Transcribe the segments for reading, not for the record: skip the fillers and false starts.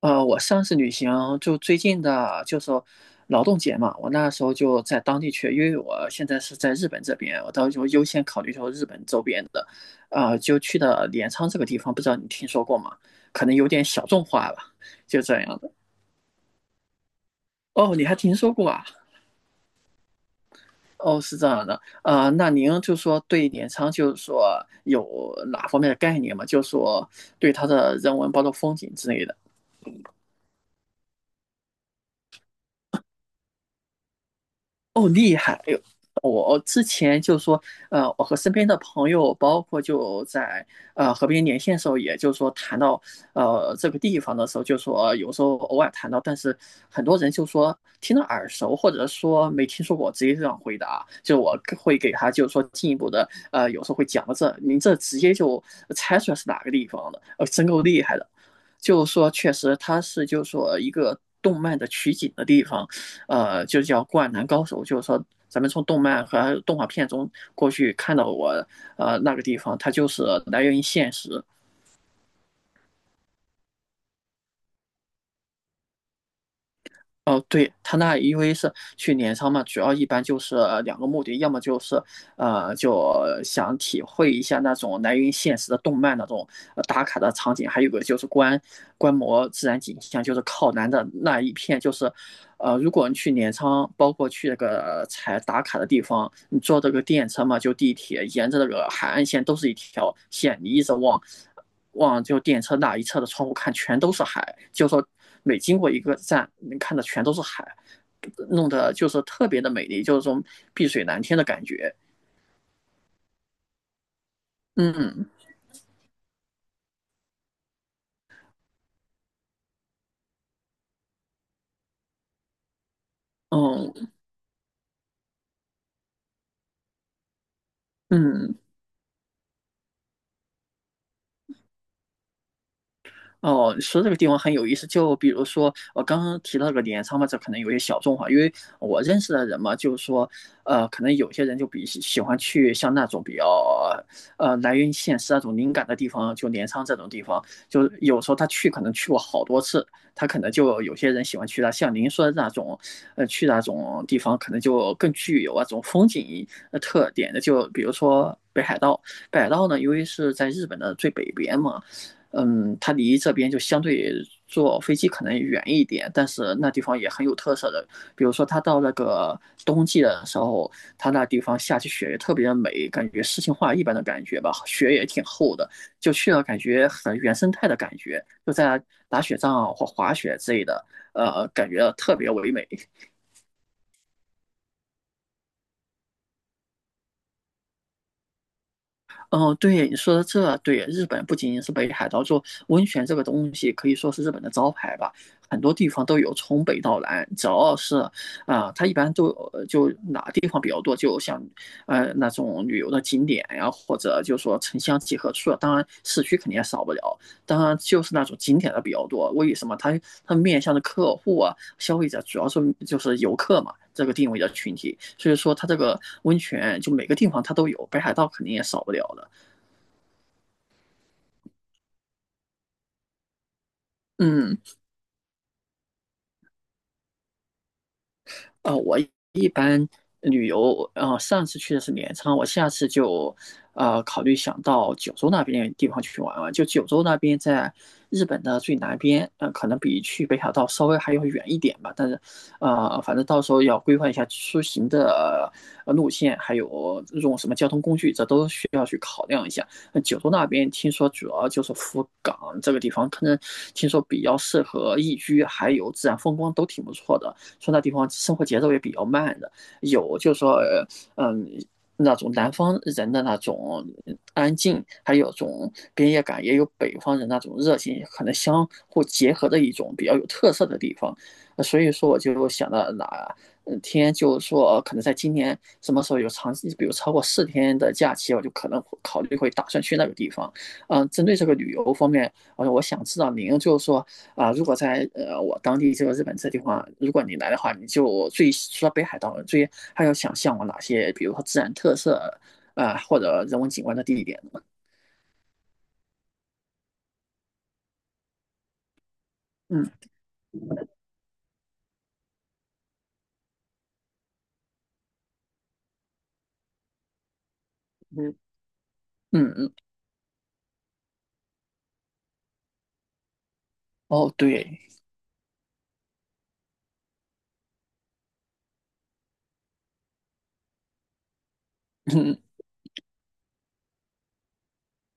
我上次旅行就最近的，就是劳动节嘛，我那时候就在当地去，因为我现在是在日本这边，我到时候优先考虑说日本周边的，就去的镰仓这个地方，不知道你听说过吗？可能有点小众化了，就这样的。哦，你还听说过啊？哦，是这样的，那您就说对镰仓就是说有哪方面的概念吗？就说对它的人文，包括风景之类的。我之前就说，我和身边的朋友，包括就在和别人连线的时候，也就是说谈到这个地方的时候，就说有时候偶尔谈到，但是很多人就说听着耳熟，或者说没听说过，直接这样回答，就我会给他就是说进一步的，有时候会讲到这，您这直接就猜出来是哪个地方的，真够厉害的。就是说，确实它是就是说一个动漫的取景的地方，就叫《灌篮高手》，就是说咱们从动漫和动画片中过去看到我那个地方，它就是来源于现实。哦，对，他那因为是去镰仓嘛，主要一般就是两个目的，要么就是就想体会一下那种来源于现实的动漫那种打卡的场景，还有个就是观摩自然景象，就是靠南的那一片，就是如果你去镰仓，包括去那个才打卡的地方，你坐这个电车嘛，就地铁，沿着那个海岸线都是一条线，你一直往就电车那一侧的窗户看，全都是海。就说每经过一个站，你看的全都是海，弄得就是特别的美丽，就是说碧水蓝天的感觉。嗯嗯嗯。哦，你说这个地方很有意思，就比如说我刚刚提到这个镰仓嘛，这可能有些小众化，因为我认识的人嘛，就是说，可能有些人就比喜欢去像那种比较来源于现实那种灵感的地方，就镰仓这种地方，就有时候他去可能去过好多次，他可能就有些人喜欢去那，像您说的那种，去那种地方可能就更具有那种风景特点的，就比如说北海道，北海道呢，由于是在日本的最北边嘛。嗯，它离这边就相对坐飞机可能远一点，但是那地方也很有特色的。比如说，它到那个冬季的时候，它那地方下起雪也特别美，感觉诗情画意般的感觉吧，雪也挺厚的，就去了感觉很原生态的感觉，就在打雪仗啊或滑雪之类的，感觉特别唯美。哦，对，你说的这对，日本不仅仅是北海道，就温泉这个东西可以说是日本的招牌吧，很多地方都有，从北到南，只要是它一般都有就哪地方比较多，就像那种旅游的景点呀，或者就说城乡结合处，当然市区肯定也少不了，当然就是那种景点的比较多。为什么？它它面向的客户啊，消费者主要是就是游客嘛，这个定位的群体。所以说它这个温泉就每个地方它都有，北海道肯定也少不了的。嗯，我一般旅游，上次去的是镰仓，我下次就，考虑想到九州那边地方去玩玩。就九州那边在日本的最南边，可能比去北海道稍微还要远一点吧。但是，反正到时候要规划一下出行的路线，还有用什么交通工具，这都需要去考量一下。那九州那边听说主要就是福冈这个地方，可能听说比较适合宜居，还有自然风光都挺不错的。说那地方生活节奏也比较慢的，有就是说嗯那种南方人的那种安静，还有种边界感，也有北方人那种热情，可能相互结合的一种比较有特色的地方。所以说，我就想到哪天就说可能在今年什么时候有长，比如超过四天的假期，我就可能考虑会打算去那个地方。嗯，针对这个旅游方面，我想知道您就是说如果在我当地这个日本这地方，如果你来的话，你就最除了北海道，最还要想向往哪些，比如说自然特色或者人文景观的地点呢？嗯嗯嗯嗯。哦，对。嗯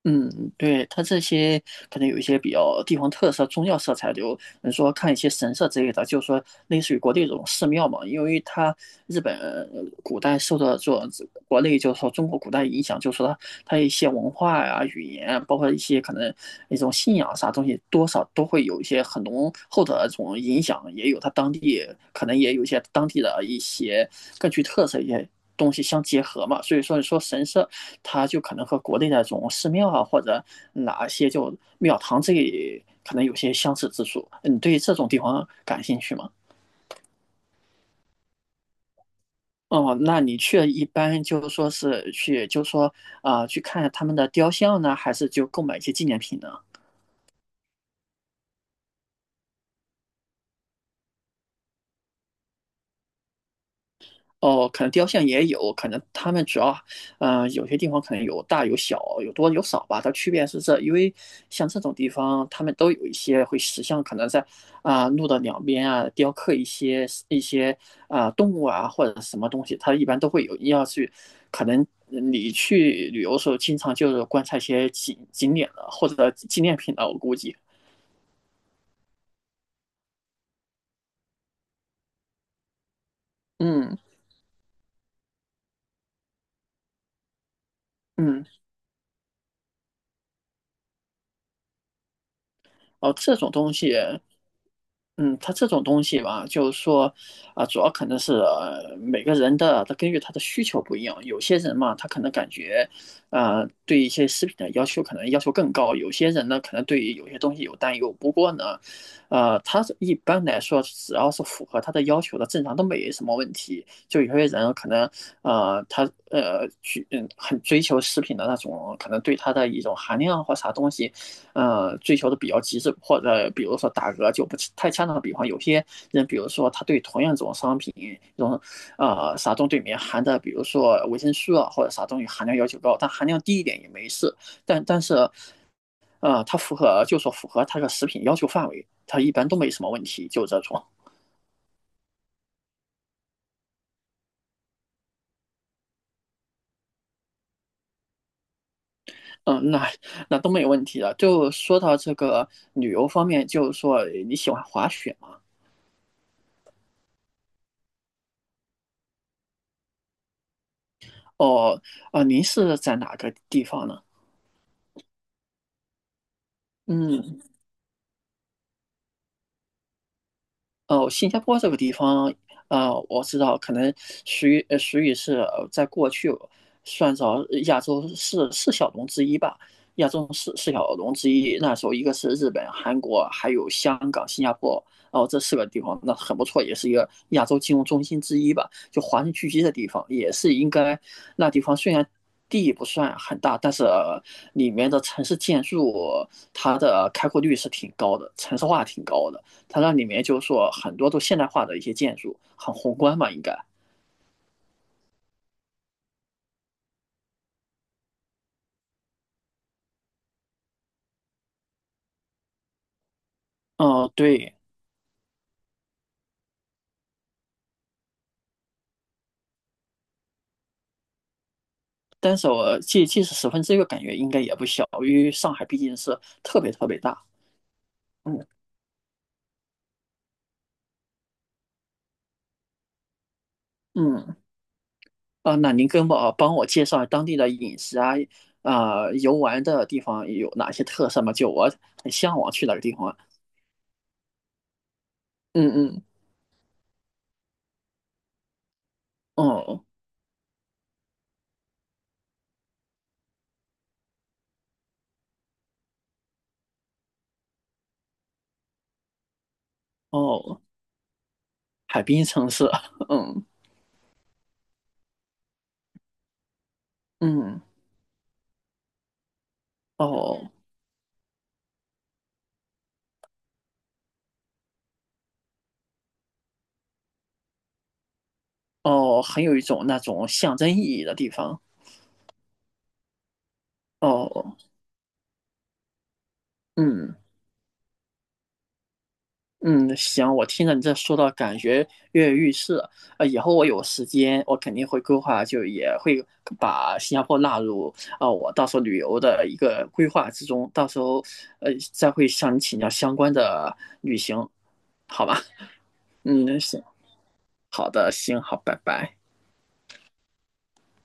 嗯。对，它这些可能有一些比较地方特色、宗教色彩，就你说看一些神社之类的，就是说类似于国内这种寺庙嘛，因为它日本古代受到这种国内就是说中国古代影响，就是说它它一些文化呀、语言，包括一些可能一种信仰啥东西，多少都会有一些很浓厚的这种影响，也有它当地可能也有一些当地的一些更具特色一些东西相结合嘛，所以说你说神社。它就可能和国内那种寺庙啊或者哪些就庙堂这里可能有些相似之处。你对这种地方感兴趣吗？哦，那你去一般就是说是去，就是说去看他们的雕像呢，还是就购买一些纪念品呢？哦，可能雕像也有，可能他们主要，有些地方可能有大有小，有多有少吧。它区别是这，因为像这种地方，他们都有一些会石像，可能在路的两边啊雕刻一些动物啊或者什么东西，它一般都会有要去，可能你去旅游的时候，经常就是观察一些景点的或者纪念品的，我估计。嗯嗯。哦，这种东西嗯，它这种东西吧，就是说，主要可能是、每个人的，他根据他的需求不一样。有些人嘛，他可能感觉，对一些食品的要求可能要求更高；有些人呢，可能对于有些东西有担忧。不过呢，他是一般来说，只要是符合他的要求的，正常都没什么问题。就有些人可能，他去很追求食品的那种，可能对它的一种含量或啥东西。追求的比较极致，或者比如说打个就不太恰当的比方，有些人，比如说他对同样这种商品，这种啥东西里面含的，比如说维生素啊或者啥东西含量要求高，但含量低一点也没事，但是它符合就说符合它的食品要求范围，它一般都没什么问题，就这种。嗯，那都没有问题的。就说到这个旅游方面，就是说你喜欢滑雪吗？哦，您是在哪个地方呢？嗯。哦，新加坡这个地方，我知道，可能属于是在过去算着亚洲四小龙之一吧，亚洲四小龙之一。那时候一个是日本、韩国，还有香港、新加坡，哦，这四个地方那很不错，也是一个亚洲金融中心之一吧，就华人聚集的地方，也是应该那地方虽然。地不算很大，但是里面的城市建筑，它的开阔率是挺高的，城市化挺高的。它那里面就是说很多都现代化的一些建筑，很宏观嘛，应该。哦，嗯，对，但是我即使十分之一个感觉应该也不小，因为上海毕竟是特别特别大。嗯嗯。啊，那您跟我帮我介绍当地的饮食啊，游玩的地方有哪些特色吗？就我很向往去哪个地方啊。嗯嗯。哦哦，海滨城市。嗯嗯。哦哦，很有一种那种象征意义的地方。哦。嗯。嗯，行，我听着你这说到，感觉跃跃欲试了。以后我有时间，我肯定会规划，就也会把新加坡纳入我到时候旅游的一个规划之中。到时候，再会向你请教相关的旅行，好吧？嗯，行，好的，行，好，拜拜。